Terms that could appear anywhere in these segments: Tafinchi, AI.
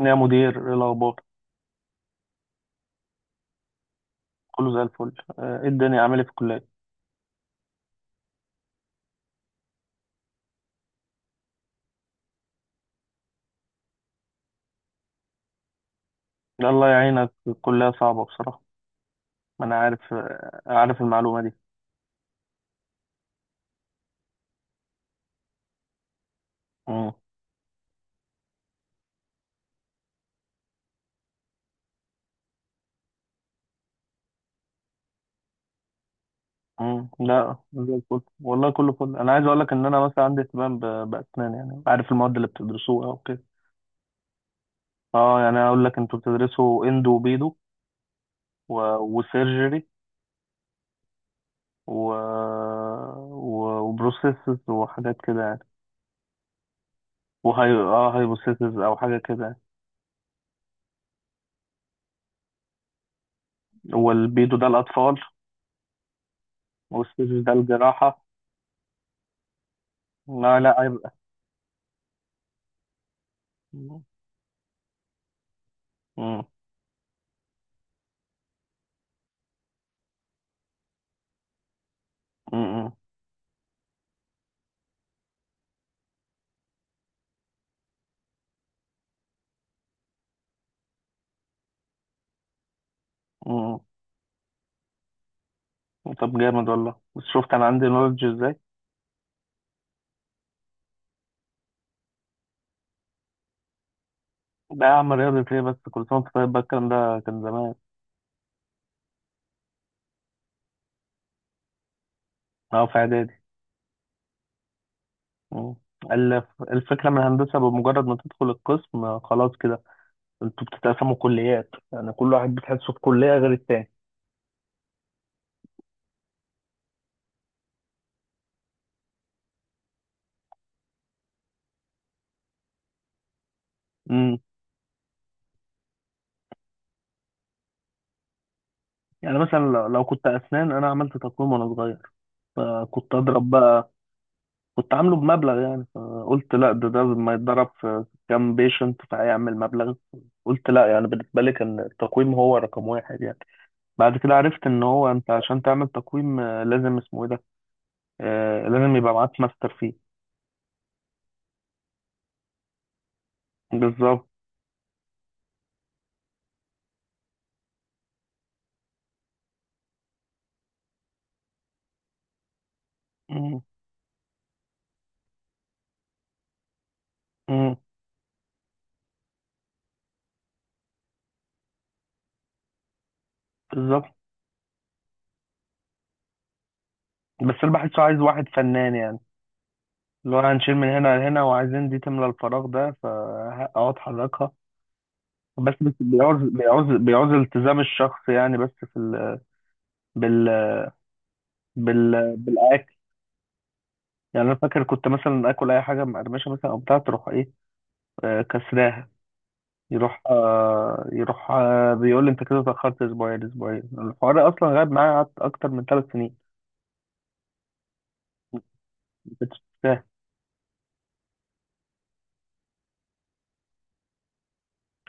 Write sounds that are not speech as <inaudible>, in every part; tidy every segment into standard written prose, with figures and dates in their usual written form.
يا مدير، إيه الأخبار؟ كله زي الفل. إيه الدنيا، عامل إيه في الكلية؟ لا، الله يعينك، الكلية صعبة بصراحة. ما أنا عارف، عارف المعلومة دي. مم. مم. لا زي الفل والله، كله فل. أنا عايز أقول لك إن أنا مثلا عندي اهتمام بأسنان، يعني عارف المواد اللي بتدرسوها وكده. أه يعني أقول لك، أنتوا بتدرسوا إندو وبيدو و... وسيرجري و... وبروسيسز وحاجات كده يعني. وهي اه هايبوسيسز أو حاجة كده يعني. والبيدو ده الأطفال، والسيرجري ده الجراحة. لا لا، هيبقى مم. مم. مم. مم. طب جامد والله، بس شفت انا عندي نولج ازاي؟ لا اعمل رياضة ايه، بس كل سنة وأنت طيب، بقى الكلام ده كان زمان. اه في اعدادي. مم. ال- الفكرة من الهندسة، بمجرد ما تدخل القسم خلاص كده، انتوا بتتقسموا كليات، يعني كل واحد بتحسه في كلية غير التاني. مم. يعني مثلا، لو كنت اسنان، انا عملت تقويم وانا صغير، فكنت اضرب بقى. كنت عامله بمبلغ يعني، فقلت لا، ده لما يتضرب في كام بيشنت فهيعمل مبلغ. قلت لا، يعني بالنسبة لي كان التقويم هو رقم واحد يعني. بعد كده عرفت ان هو انت عشان تعمل تقويم، آه، لازم اسمه ايه ده، آه، لازم يبقى معاك ماستر فيه. بالظبط. مم. مم. بالظبط. بس اللي بحسه عايز واحد فنان يعني، اللي هو هنشيل من هنا لهنا وعايزين دي تملى الفراغ ده، فاقعد حركها. بس بيعوز التزام الشخص يعني، بس في بال... بالأكشن. يعني انا فاكر كنت مثلا اكل اي حاجه مقرمشه مثلا او بتاع، تروح ايه، آه كسراها. يروح آه، يروح آه بيقول لي انت كده اتاخرت اسبوعين. الحوار اصلا غاب معايا، قعدت اكتر من ثلاث سنين ما كنتش فاهم.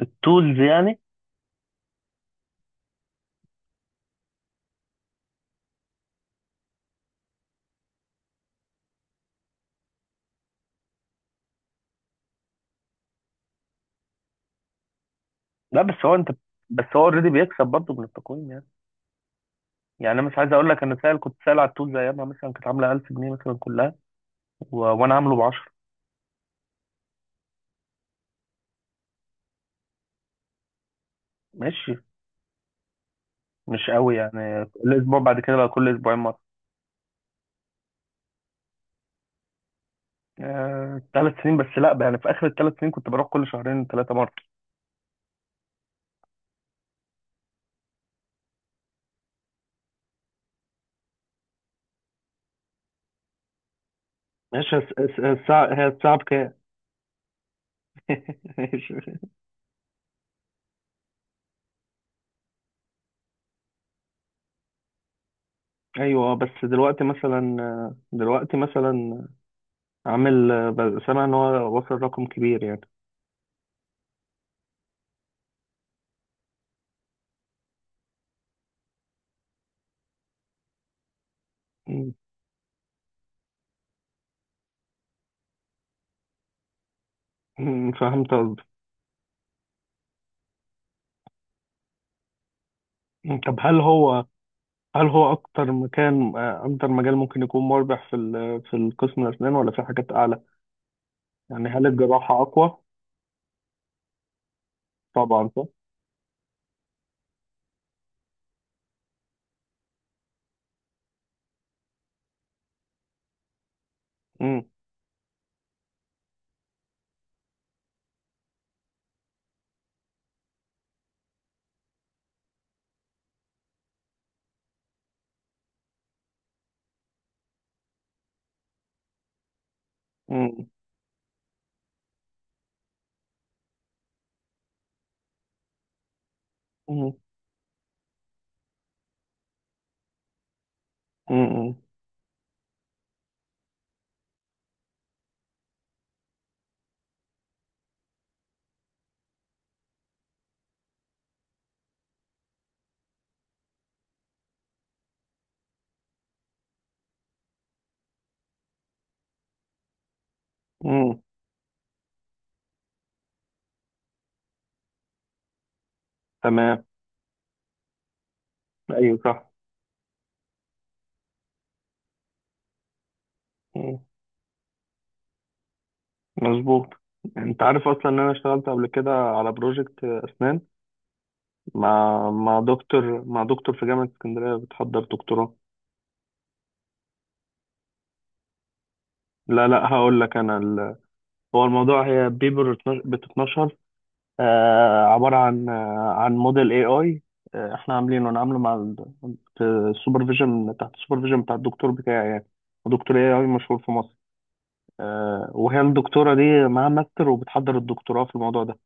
التولز يعني. لا، بس هو اوريدي بيكسب برضه من التقويم يعني. يعني انا مش عايز اقول لك، انا سائل، كنت سائل على التولز ايامها مثلا، كانت عامله 1000 جنيه مثلا كلها، وانا عامله ب 10. ماشي، مش قوي يعني، كل اسبوع، بعد كده بقى كل اسبوعين مره. آه، ثلاث سنين، بس لا يعني في اخر الثلاث سنين كنت بروح كل شهرين ثلاثه. ماشي. هتصعب كام. <laughs> ماشي. ايوه، آه، بس دلوقتي مثلا، آه، دلوقتي مثلا عامل سامع ان هو وصل رقم كبير يعني. م- فهمت قصدي. طب هل هو هل هو اكتر مكان، آه، اكتر مجال ممكن يكون مربح في في القسم الاسنان، ولا في حاجات اعلى؟ يعني هل الجراحة اقوى؟ طبعا صح. م- م- م- م- م- م- تمام. ايوه صح. مظبوط. انت عارف اصلا ان انا اشتغلت قبل كده على بروجكت اسنان، مع دكتور في جامعة اسكندرية بتحضر دكتوراه. لا لا هقول لك، انا هو الموضوع، هي بيبر بتتنشر، آه عبارة عن، آه عن موديل اي اي، آه احنا عاملينه، انا عامله مع ال... في السوبرفيجن تحت السوبرفيجن بتاع الدكتور بتاعي يعني، دكتور اي اي مشهور في مصر. آه، وهي الدكتورة دي معاها ماستر وبتحضر الدكتوراه في الموضوع ده،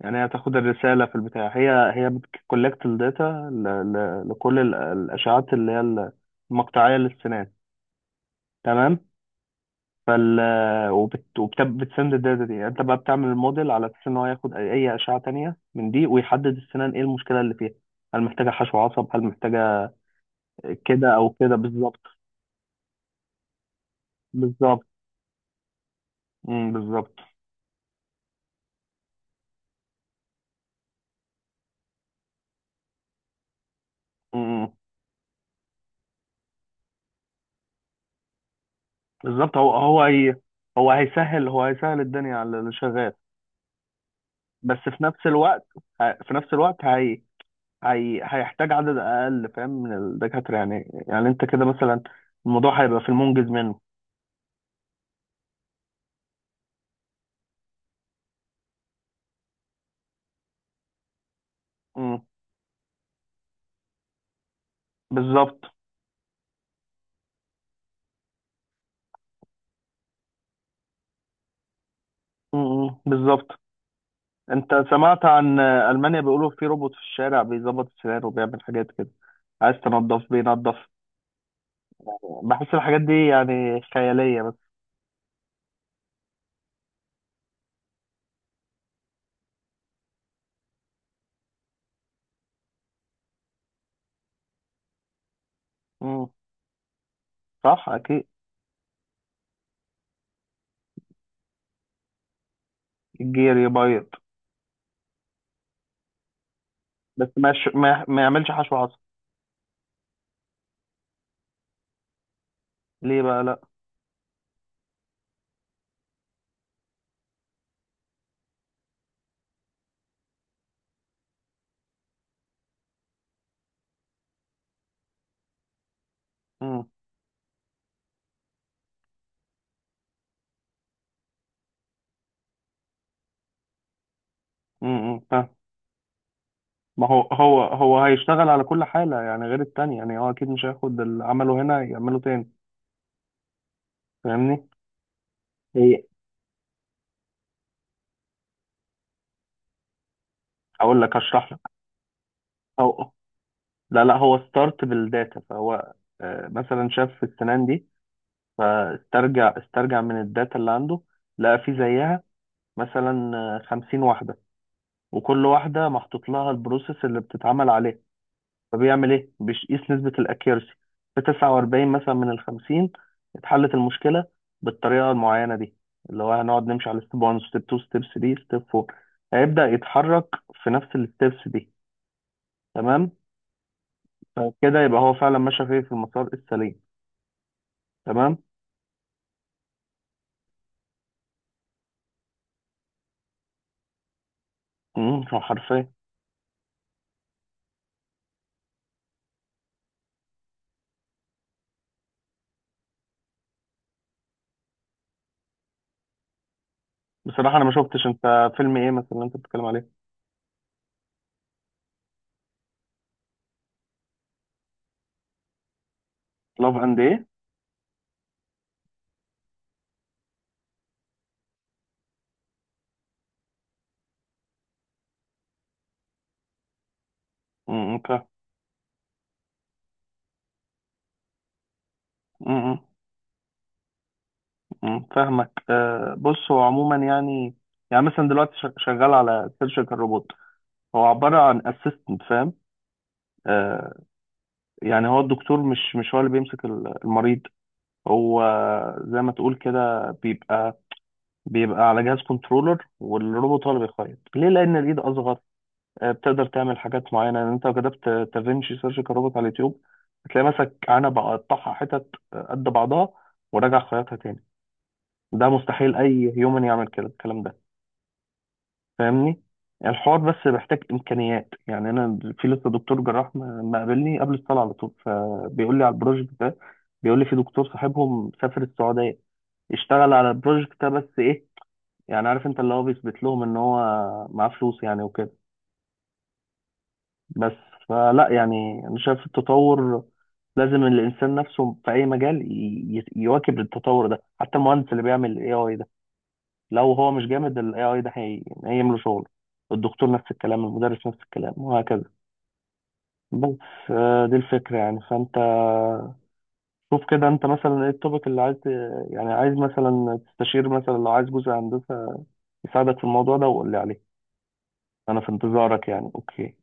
يعني هي تاخد الرسالة في البتاع. هي بتكولكت الداتا لكل الأشعات اللي هي المقطعية للسنان، تمام. فال، وبتسند الداتا دي، انت بقى بتعمل الموديل على اساس ان هو ياخد اي أي اشعه تانية من دي، ويحدد السنان ايه المشكله اللي فيها، هل محتاجه حشو عصب، هل محتاجه كده او كده. بالظبط. بالظبط. امم، بالظبط. امم، بالظبط. هو هيسهل، هيسهل الدنيا على اللي شغال. بس في نفس الوقت، في نفس الوقت هي هيحتاج عدد اقل، فاهم، من الدكاتره يعني. يعني انت كده مثلا، الموضوع هيبقى في المنجز منه. امم، بالظبط. امم، بالظبط. انت سمعت عن المانيا؟ بيقولوا في روبوت في الشارع بيظبط السير وبيعمل حاجات كده، عايز تنظف بينظف. بحس الحاجات دي يعني خياليه بس. امم. صح، اكيد. الجير، يبيض. بس ما يش... ما, ما يعملش حشو عصب، ليه بقى لا؟ امم. امم. ما هو، هو هيشتغل على كل حالة يعني غير التانية، يعني هو أكيد مش هياخد اللي عمله هنا يعمله تاني. فاهمني؟ هي، أقول لك أشرح لك. هو، لا لا، هو ستارت بالداتا، فهو آه، مثلا شاف في السنان دي، استرجع من الداتا اللي عنده، لقى في زيها مثلا خمسين واحدة، وكل واحدة محطوط لها البروسيس اللي بتتعمل عليها. فبيعمل ايه، بيقيس نسبة الاكيرسي، في 49 مثلا من ال 50 اتحلت المشكلة بالطريقة المعينة دي، اللي هو هنقعد نمشي على ستيب 1، ستيب 2، ستيب 3، ستيب 4. هيبدأ يتحرك في نفس الستيبس دي. تمام. فكده يبقى هو فعلا ماشي في في المسار السليم تمام امم. هو حرفيا. بصراحة انا ما شفتش، انت فيلم ايه مثلا اللي انت بتتكلم عليه؟ لاف اند ايه؟ امم، فاهم. امم. أمم، فاهمك. آه بص هو عموما يعني، يعني مثلا دلوقتي شغال على سيرجيكال روبوت، هو عبارة عن اسيستنت فاهم، آه. يعني هو الدكتور مش هو اللي بيمسك المريض. هو زي ما تقول كده، بيبقى على جهاز كنترولر، والروبوت هو اللي بيخيط ليه لان الايد اصغر. آه بتقدر تعمل حاجات معينة يعني. انت لو كتبت تافينشي سيرجيكال روبوت على اليوتيوب، هتلاقي مسك عنبة، قطعها حتت قد بعضها، وراجع خيطها تاني. ده مستحيل اي هيومن يعمل كده الكلام ده، فاهمني. يعني الحوار بس محتاج امكانيات يعني. انا في لسه دكتور جراح ما قابلني قبل الصلاه على طول، فبيقول لي على البروجكت ده، بيقول لي في دكتور صاحبهم سافر السعوديه، اشتغل على البروجكت ده، بس ايه، يعني عارف انت، اللي هو بيثبت لهم ان هو معاه فلوس يعني وكده. بس فلا يعني، انا شايف التطور، لازم الانسان نفسه في اي مجال يواكب التطور ده، حتى المهندس اللي بيعمل اي اي، لو هو مش جامد ال AI ده هيملى شغله، الدكتور نفس الكلام، المدرس نفس الكلام، وهكذا. بس آه، دي الفكرة يعني. فأنت شوف كده، أنت مثلا إيه التوبيك اللي عايز يعني عايز مثلا تستشير، مثلا لو عايز جزء هندسة يساعدك في الموضوع ده، وقول لي عليه. أنا في انتظارك يعني. أوكي.